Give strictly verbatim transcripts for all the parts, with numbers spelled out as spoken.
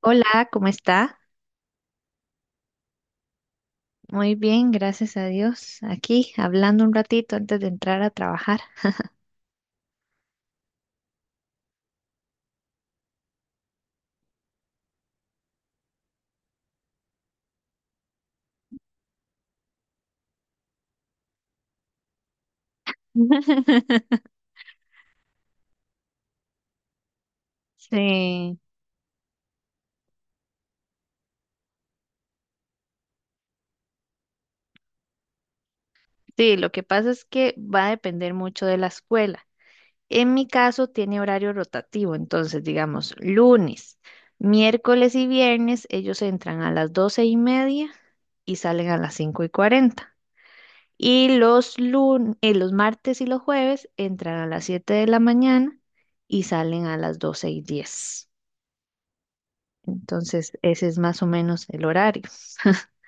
Hola, ¿cómo está? Muy bien, gracias a Dios. Aquí hablando un ratito antes de entrar a trabajar. Sí, sí, lo que pasa es que va a depender mucho de la escuela. En mi caso tiene horario rotativo, entonces digamos lunes, miércoles y viernes ellos entran a las doce y media y salen a las cinco y cuarenta. Y los lun- eh, los martes y los jueves entran a las siete de la mañana y salen a las doce y diez. Entonces, ese es más o menos el horario.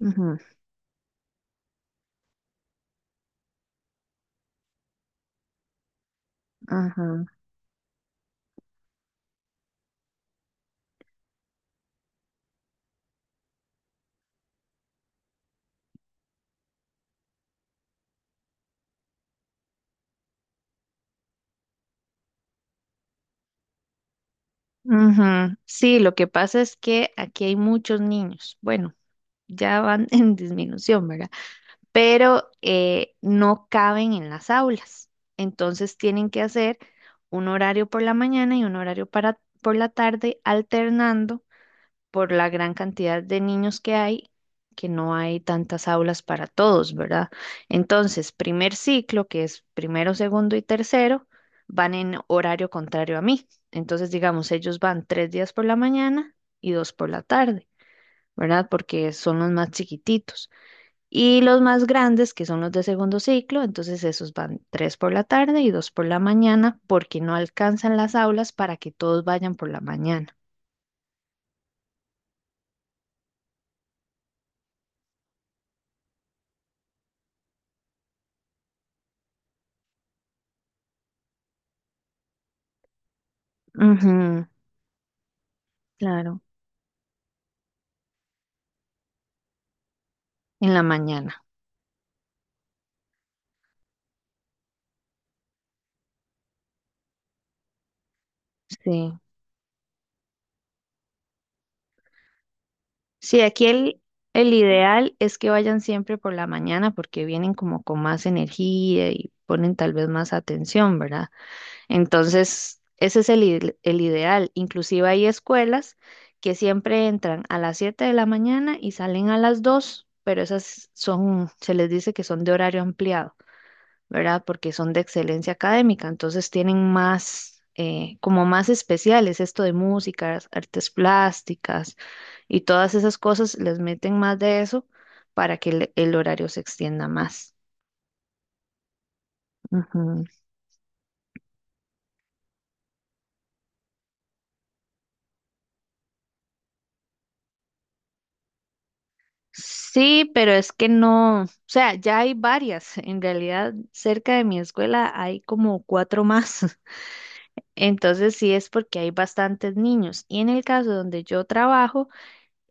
Ujú, ajá, ujú. Sí, lo que pasa es que aquí hay muchos niños. Bueno, ya van en disminución, ¿verdad? Pero eh, no caben en las aulas. Entonces tienen que hacer un horario por la mañana y un horario para, por la tarde, alternando por la gran cantidad de niños que hay, que no hay tantas aulas para todos, ¿verdad? Entonces, primer ciclo, que es primero, segundo y tercero, van en horario contrario a mí. Entonces, digamos, ellos van tres días por la mañana y dos por la tarde, ¿verdad? Porque son los más chiquititos. Y los más grandes, que son los de segundo ciclo, entonces esos van tres por la tarde y dos por la mañana, porque no alcanzan las aulas para que todos vayan por la mañana. Ujú, claro. En la mañana, sí. Sí, aquí el, el ideal es que vayan siempre por la mañana porque vienen como con más energía y ponen tal vez más atención, ¿verdad? Entonces, ese es el, ide- el ideal. Inclusive hay escuelas que siempre entran a las siete de la mañana y salen a las dos, pero esas son, se les dice que son de horario ampliado. ¿Verdad? Porque son de excelencia académica, entonces tienen más, eh, como más especiales, esto de música, artes plásticas y todas esas cosas, les meten más de eso para que el, el horario se extienda más. Ujú. Sí, pero es que no, o sea, ya hay varias, en realidad cerca de mi escuela hay como cuatro más. Entonces sí es porque hay bastantes niños. Y en el caso donde yo trabajo,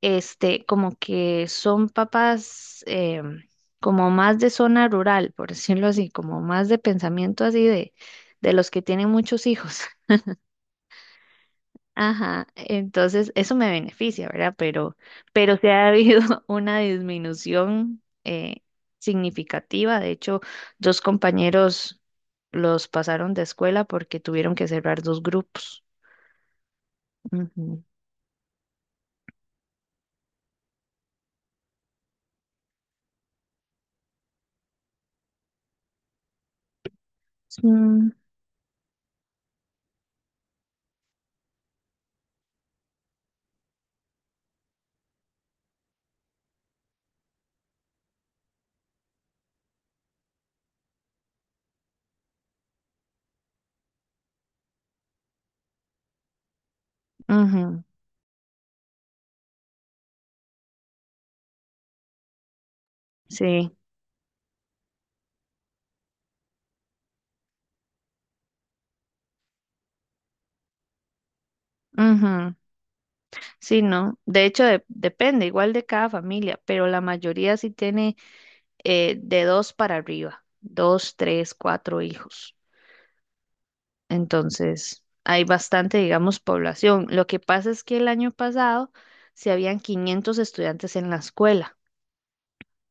este, como que son papás eh, como más de zona rural, por decirlo así, como más de pensamiento así de, de los que tienen muchos hijos. Ajá, entonces eso me beneficia, ¿verdad? Pero, pero sí ha habido una disminución eh, significativa. De hecho, dos compañeros los pasaron de escuela porque tuvieron que cerrar dos grupos. Ujú. Mm, ujú, sí. Ujú. Sí, no. De hecho, de- depende igual de cada familia, pero la mayoría sí tiene eh, de dos para arriba, dos, tres, cuatro hijos. Entonces, hay bastante, digamos, población. Lo que pasa es que el año pasado se habían quinientos estudiantes en la escuela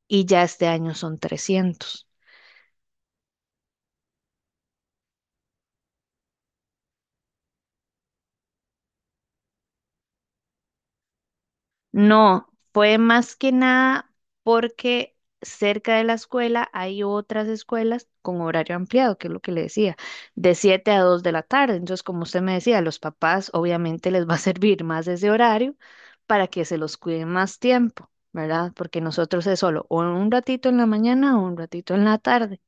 y ya este año son trescientos. No, fue más que nada porque cerca de la escuela hay otras escuelas con horario ampliado, que es lo que le decía, de siete a dos de la tarde. Entonces, como usted me decía, a los papás obviamente les va a servir más ese horario para que se los cuiden más tiempo, ¿verdad? Porque nosotros es solo o un ratito en la mañana o un ratito en la tarde.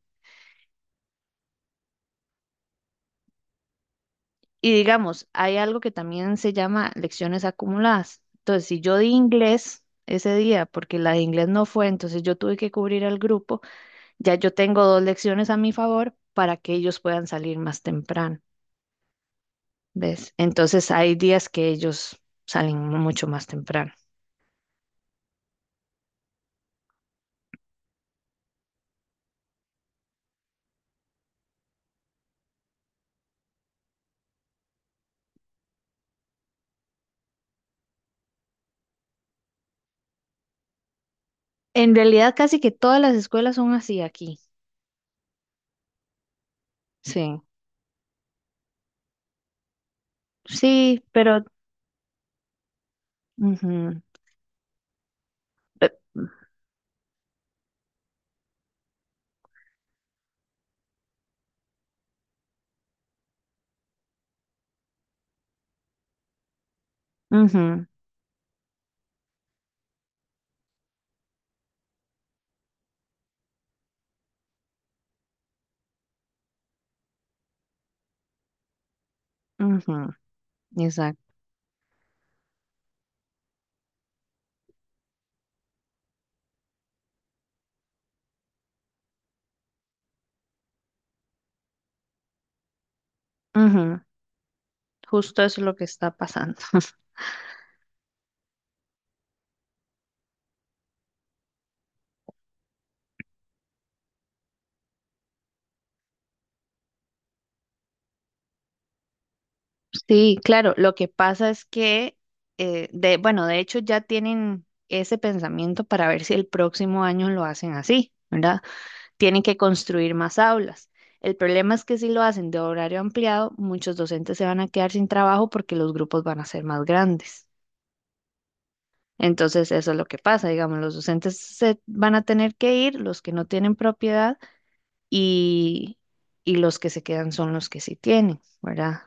Y digamos, hay algo que también se llama lecciones acumuladas. Entonces, si yo di inglés ese día, porque la de inglés no fue, entonces yo tuve que cubrir al grupo, ya yo tengo dos lecciones a mi favor para que ellos puedan salir más temprano, ¿ves? Entonces, hay días que ellos salen mucho más temprano. En realidad, casi que todas las escuelas son así aquí. Sí, sí, pero. Ujú, pe- ujú, ujú, exacto. Ujú, justo eso es lo que está pasando. Sí, claro, lo que pasa es que, eh, de, bueno, de hecho ya tienen ese pensamiento para ver si el próximo año lo hacen así, ¿verdad? Tienen que construir más aulas. El problema es que si lo hacen de horario ampliado, muchos docentes se van a quedar sin trabajo porque los grupos van a ser más grandes. Entonces, eso es lo que pasa, digamos, los docentes se van a tener que ir, los que no tienen propiedad y, y los que se quedan son los que sí tienen, ¿verdad?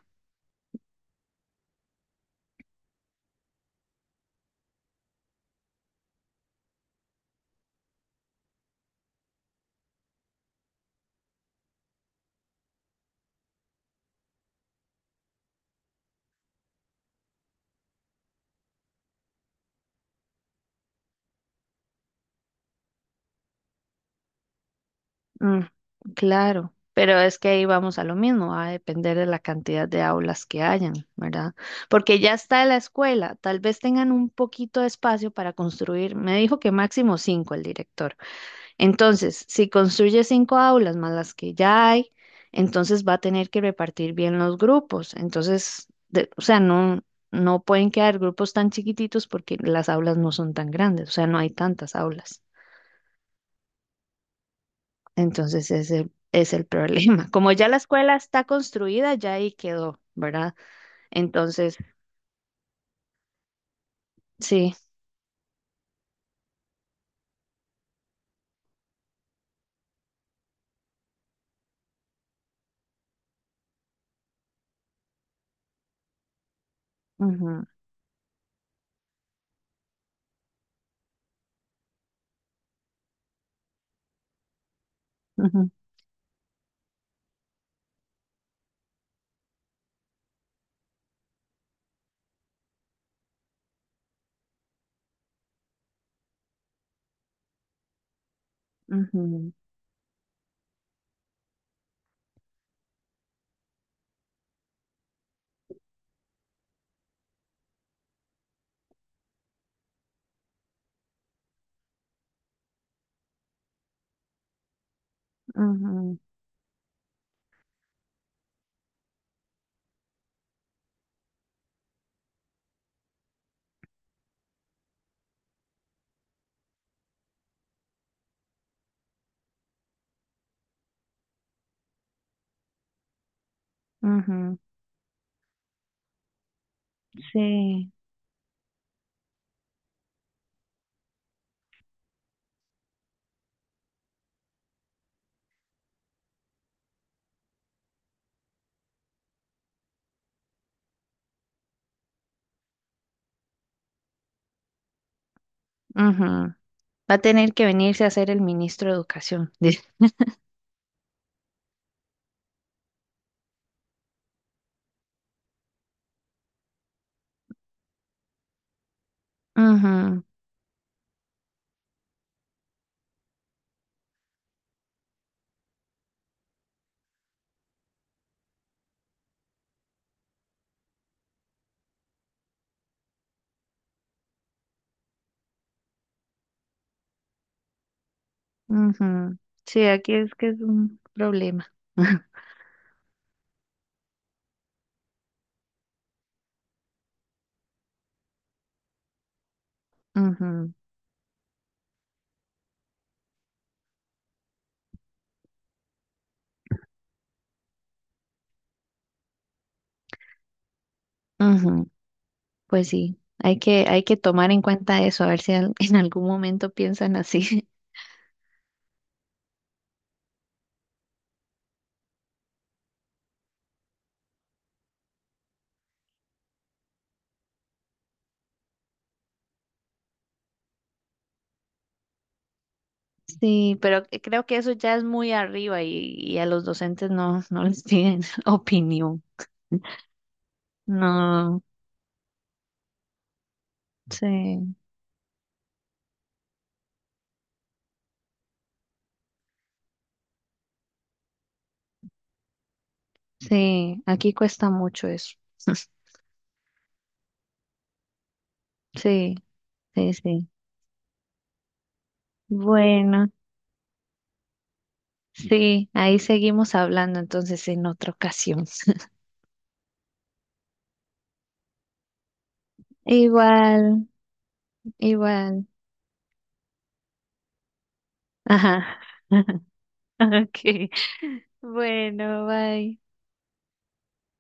Mm, claro, pero es que ahí vamos a lo mismo, va a depender de la cantidad de aulas que hayan, ¿verdad? Porque ya está la escuela, tal vez tengan un poquito de espacio para construir, me dijo que máximo cinco el director. Entonces, si construye cinco aulas más las que ya hay, entonces va a tener que repartir bien los grupos. Entonces, de- o sea, no, no pueden quedar grupos tan chiquititos porque las aulas no son tan grandes, o sea, no hay tantas aulas. Entonces ese es el problema. Como ya la escuela está construida, ya ahí quedó, ¿verdad? Entonces, sí. Ujú, ujú, ujú, ujú, ujú, sí. Ujú. Va a tener que venirse a ser el ministro de Educación. dice. Ujú, ujú. Sí, aquí es que es un problema. Ujú, ujú. Pues sí, hay que, hay que tomar en cuenta eso, a ver si al- en algún momento piensan así. Sí, pero que- creo que eso ya es muy arriba y, y a los docentes no, no les piden opinión. No, sí, sí, aquí cuesta mucho eso. Sí, sí, sí. Bueno, sí, ahí seguimos hablando entonces en otra ocasión. Igual, igual. Ajá. Ok. Bueno, bye.